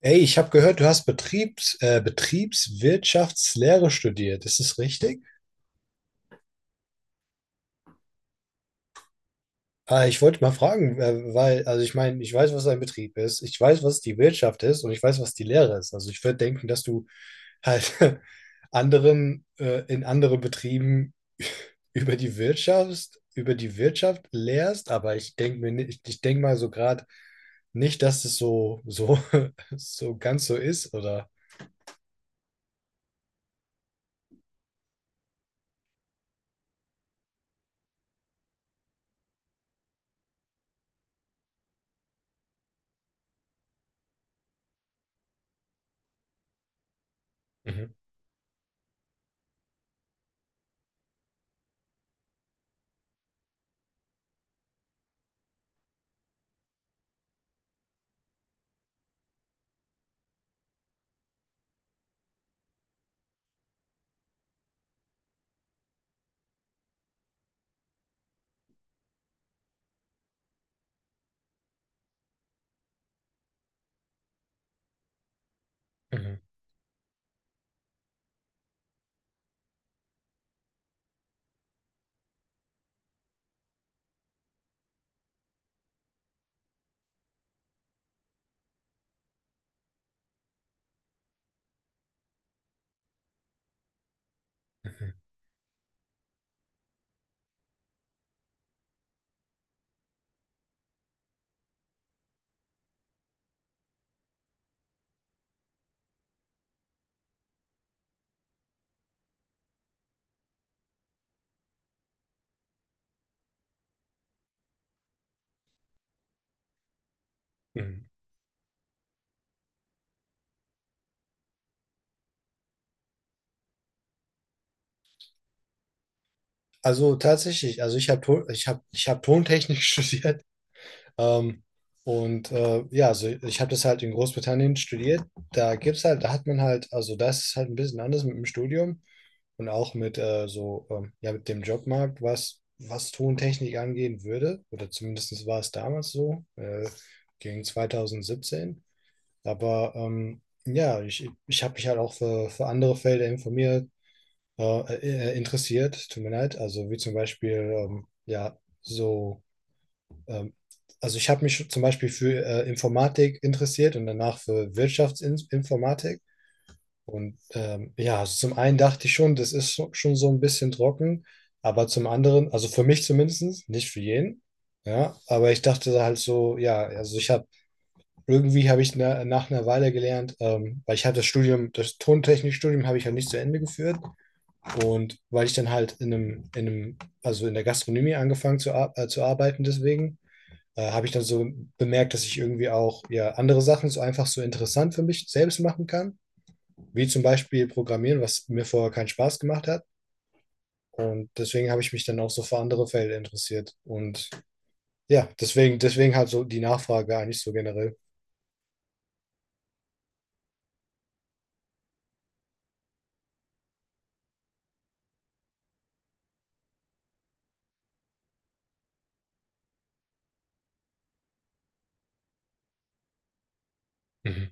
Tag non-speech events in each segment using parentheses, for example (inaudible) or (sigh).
Ey, ich habe gehört, du hast Betriebswirtschaftslehre studiert. Ist das richtig? Ich wollte mal fragen, weil, also ich meine, ich weiß, was ein Betrieb ist, ich weiß, was die Wirtschaft ist, und ich weiß, was die Lehre ist. Also ich würde denken, dass du halt (laughs) anderen in anderen Betrieben (laughs) über die Wirtschaft lehrst, aber ich denke mal so gerade nicht, dass es (laughs) so ganz so ist, oder? Mhm, mhm, mhm, mhm. Also tatsächlich, also ich hab Tontechnik (laughs) studiert. Ähm, und ja, also ich habe das halt in Großbritannien studiert. Da hat man halt, also das ist halt ein bisschen anders mit dem Studium und auch mit so, ja, mit dem Jobmarkt, was Tontechnik angehen würde. Oder zumindest war es damals so, gegen 2017. Aber ja, ich habe mich halt auch für andere Felder informiert äh, interessiert, tut mir leid. Also wie zum Beispiel, ja, so, ähm, also ich habe mich zum Beispiel für Informatik interessiert und danach für Wirtschaftsinformatik. Ja, also zum einen dachte ich schon, das ist schon so ein bisschen trocken, aber zum anderen, also für mich zumindest, nicht für jeden, ja, aber ich dachte halt so, ja, also irgendwie habe ich nach einer Weile gelernt. Weil ich habe das Tontechnikstudium habe ich ja nicht zu Ende geführt, und weil ich dann halt also in der Gastronomie angefangen zu arbeiten, deswegen habe ich dann so bemerkt, dass ich irgendwie auch ja andere Sachen so einfach so interessant für mich selbst machen kann, wie zum Beispiel Programmieren, was mir vorher keinen Spaß gemacht hat. Und deswegen habe ich mich dann auch so für andere Felder interessiert. Und ja, deswegen halt so die Nachfrage eigentlich so generell. Mhm.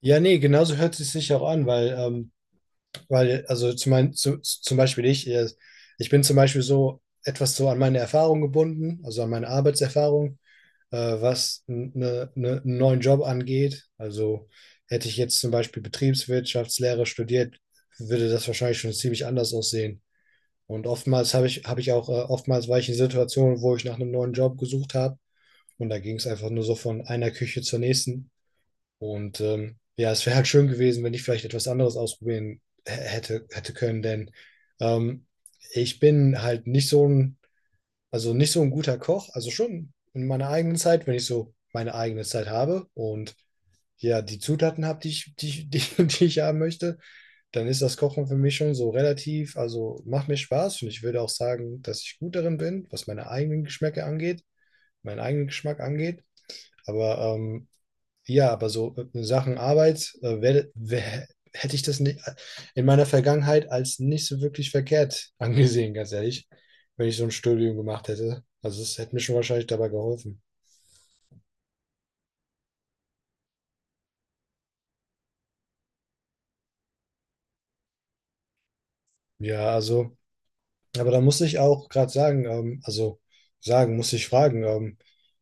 Ja, nee, genauso hört es sich auch an, weil, also zum Beispiel ich bin zum Beispiel so etwas so an meine Erfahrung gebunden, also an meine Arbeitserfahrung, was einen neuen Job angeht. Also hätte ich jetzt zum Beispiel Betriebswirtschaftslehre studiert, würde das wahrscheinlich schon ziemlich anders aussehen. Und oftmals war ich in Situationen, wo ich nach einem neuen Job gesucht habe. Und da ging es einfach nur so von einer Küche zur nächsten. Und ja, es wäre halt schön gewesen, wenn ich vielleicht etwas anderes ausprobieren hätte können, denn ähm, ich bin halt nicht so ein, also nicht so ein guter Koch, also schon in meiner eigenen Zeit, wenn ich so meine eigene Zeit habe und ja, die Zutaten habe, (laughs) die ich haben möchte, dann ist das Kochen für mich schon so also macht mir Spaß, und ich würde auch sagen, dass ich gut darin bin, was meinen eigenen Geschmack angeht. Aber ja, aber so Sachen Arbeit, hätte ich das nicht in meiner Vergangenheit als nicht so wirklich verkehrt (laughs) angesehen, ganz ehrlich, wenn ich so ein Studium gemacht hätte. Also es hätte mir schon wahrscheinlich dabei geholfen. Ja, also, aber da muss ich auch gerade sagen, also sagen, muss ich fragen,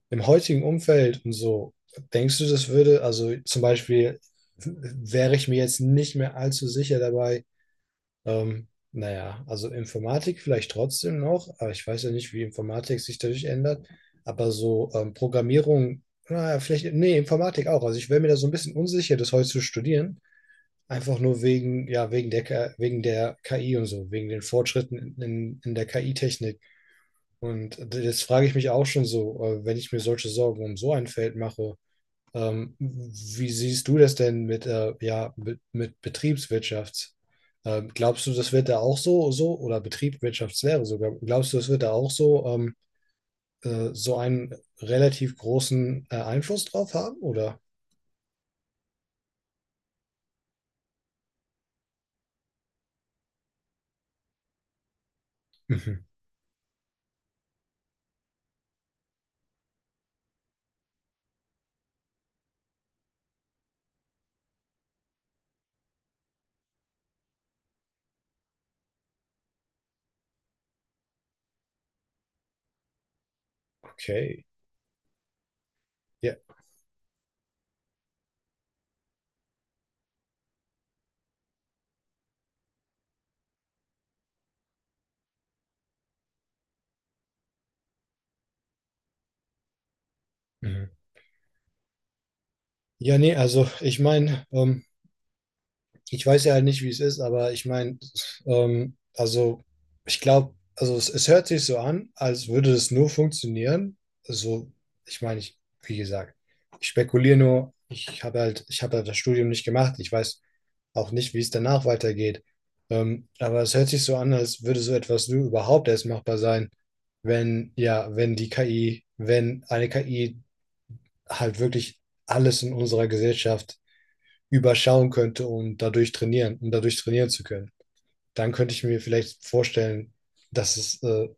im heutigen Umfeld und so, denkst du, das würde, also zum Beispiel, wäre ich mir jetzt nicht mehr allzu sicher dabei. Naja, also Informatik vielleicht trotzdem noch, aber ich weiß ja nicht, wie Informatik sich dadurch ändert. Aber so Programmierung, naja, vielleicht, nee, Informatik auch. Also ich wäre mir da so ein bisschen unsicher, das heute zu studieren. Einfach nur wegen, ja, wegen der, K- wegen der KI und so, wegen den Fortschritten in der KI-Technik. Und jetzt frage ich mich auch schon so, wenn ich mir solche Sorgen um so ein Feld mache, wie siehst du das denn mit, ja, mit Betriebswirtschaft? Glaubst du, das wird da auch so oder Betriebswirtschaftslehre sogar? Glaubst du, das wird da auch so einen relativ großen Einfluss drauf haben? Oder? Mhm. Okay. Ja. Mhm. Ja, nee, also ich meine, ich weiß ja halt nicht, wie es ist, aber ich meine, also ich glaube, also es hört sich so an, als würde es nur funktionieren. Also, ich meine, ich, wie gesagt, ich spekuliere nur, ich habe halt das Studium nicht gemacht. Ich weiß auch nicht, wie es danach weitergeht. Aber es hört sich so an, als würde so etwas nur überhaupt erst machbar sein, wenn die KI, wenn eine KI halt wirklich alles in unserer Gesellschaft überschauen könnte, um dadurch trainieren zu können. Dann könnte ich mir vielleicht vorstellen, dass es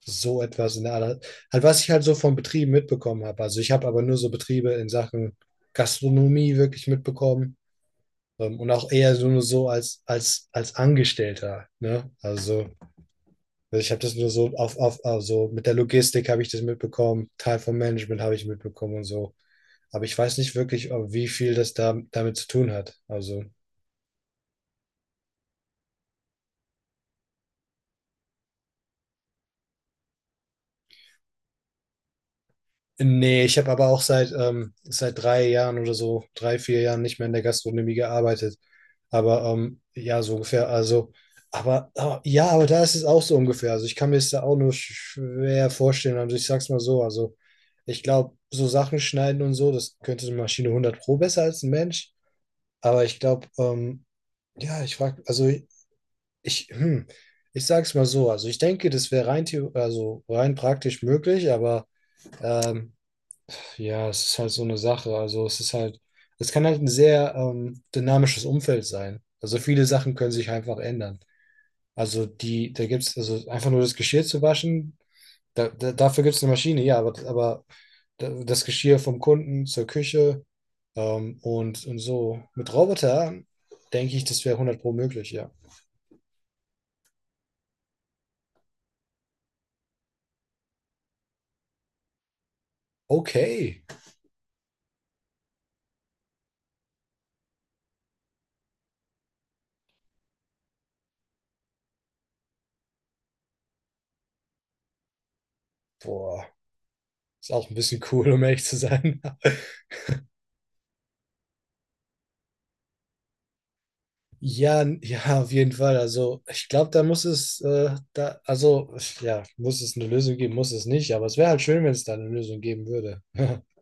so etwas in der Art, halt, was ich halt so von Betrieben mitbekommen habe. Also ich habe aber nur so Betriebe in Sachen Gastronomie wirklich mitbekommen, und auch eher so nur so als Angestellter. Ne? Also ich habe das nur so auf, also mit der Logistik habe ich das mitbekommen, Teil vom Management habe ich mitbekommen und so. Aber ich weiß nicht wirklich, ob wie viel damit zu tun hat. Also nee, ich habe aber auch seit 3 Jahren oder so, 3, 4 Jahren nicht mehr in der Gastronomie gearbeitet. Aber ja, so ungefähr. Also, aber ja, aber da ist es auch so ungefähr. Also, ich kann mir es da auch nur schwer vorstellen. Also, ich sag's mal so. Also, ich glaube, so Sachen schneiden und so, das könnte so eine Maschine 100 Pro besser als ein Mensch. Aber ich glaube, ja, ich, hm, ich sag's mal so. Also, ich denke, das wäre also rein praktisch möglich, aber. Ähm, ja, es ist halt so eine Sache. Also es kann halt ein sehr dynamisches Umfeld sein. Also viele Sachen können sich einfach ändern. Also die, da gibt es, also einfach nur das Geschirr zu waschen, dafür gibt es eine Maschine, ja, das Geschirr vom Kunden zur Küche, und so. Mit Roboter denke ich, das wäre 100 pro möglich, ja. Okay. Boah, ist auch ein bisschen (laughs) cool, um ehrlich zu sein. (laughs) Ja, (laughs) ja, auf jeden Fall. Also ich glaube, da, also ja, muss es eine Lösung geben, muss es nicht, aber es wäre halt schön, wenn es da eine Lösung geben würde. (laughs)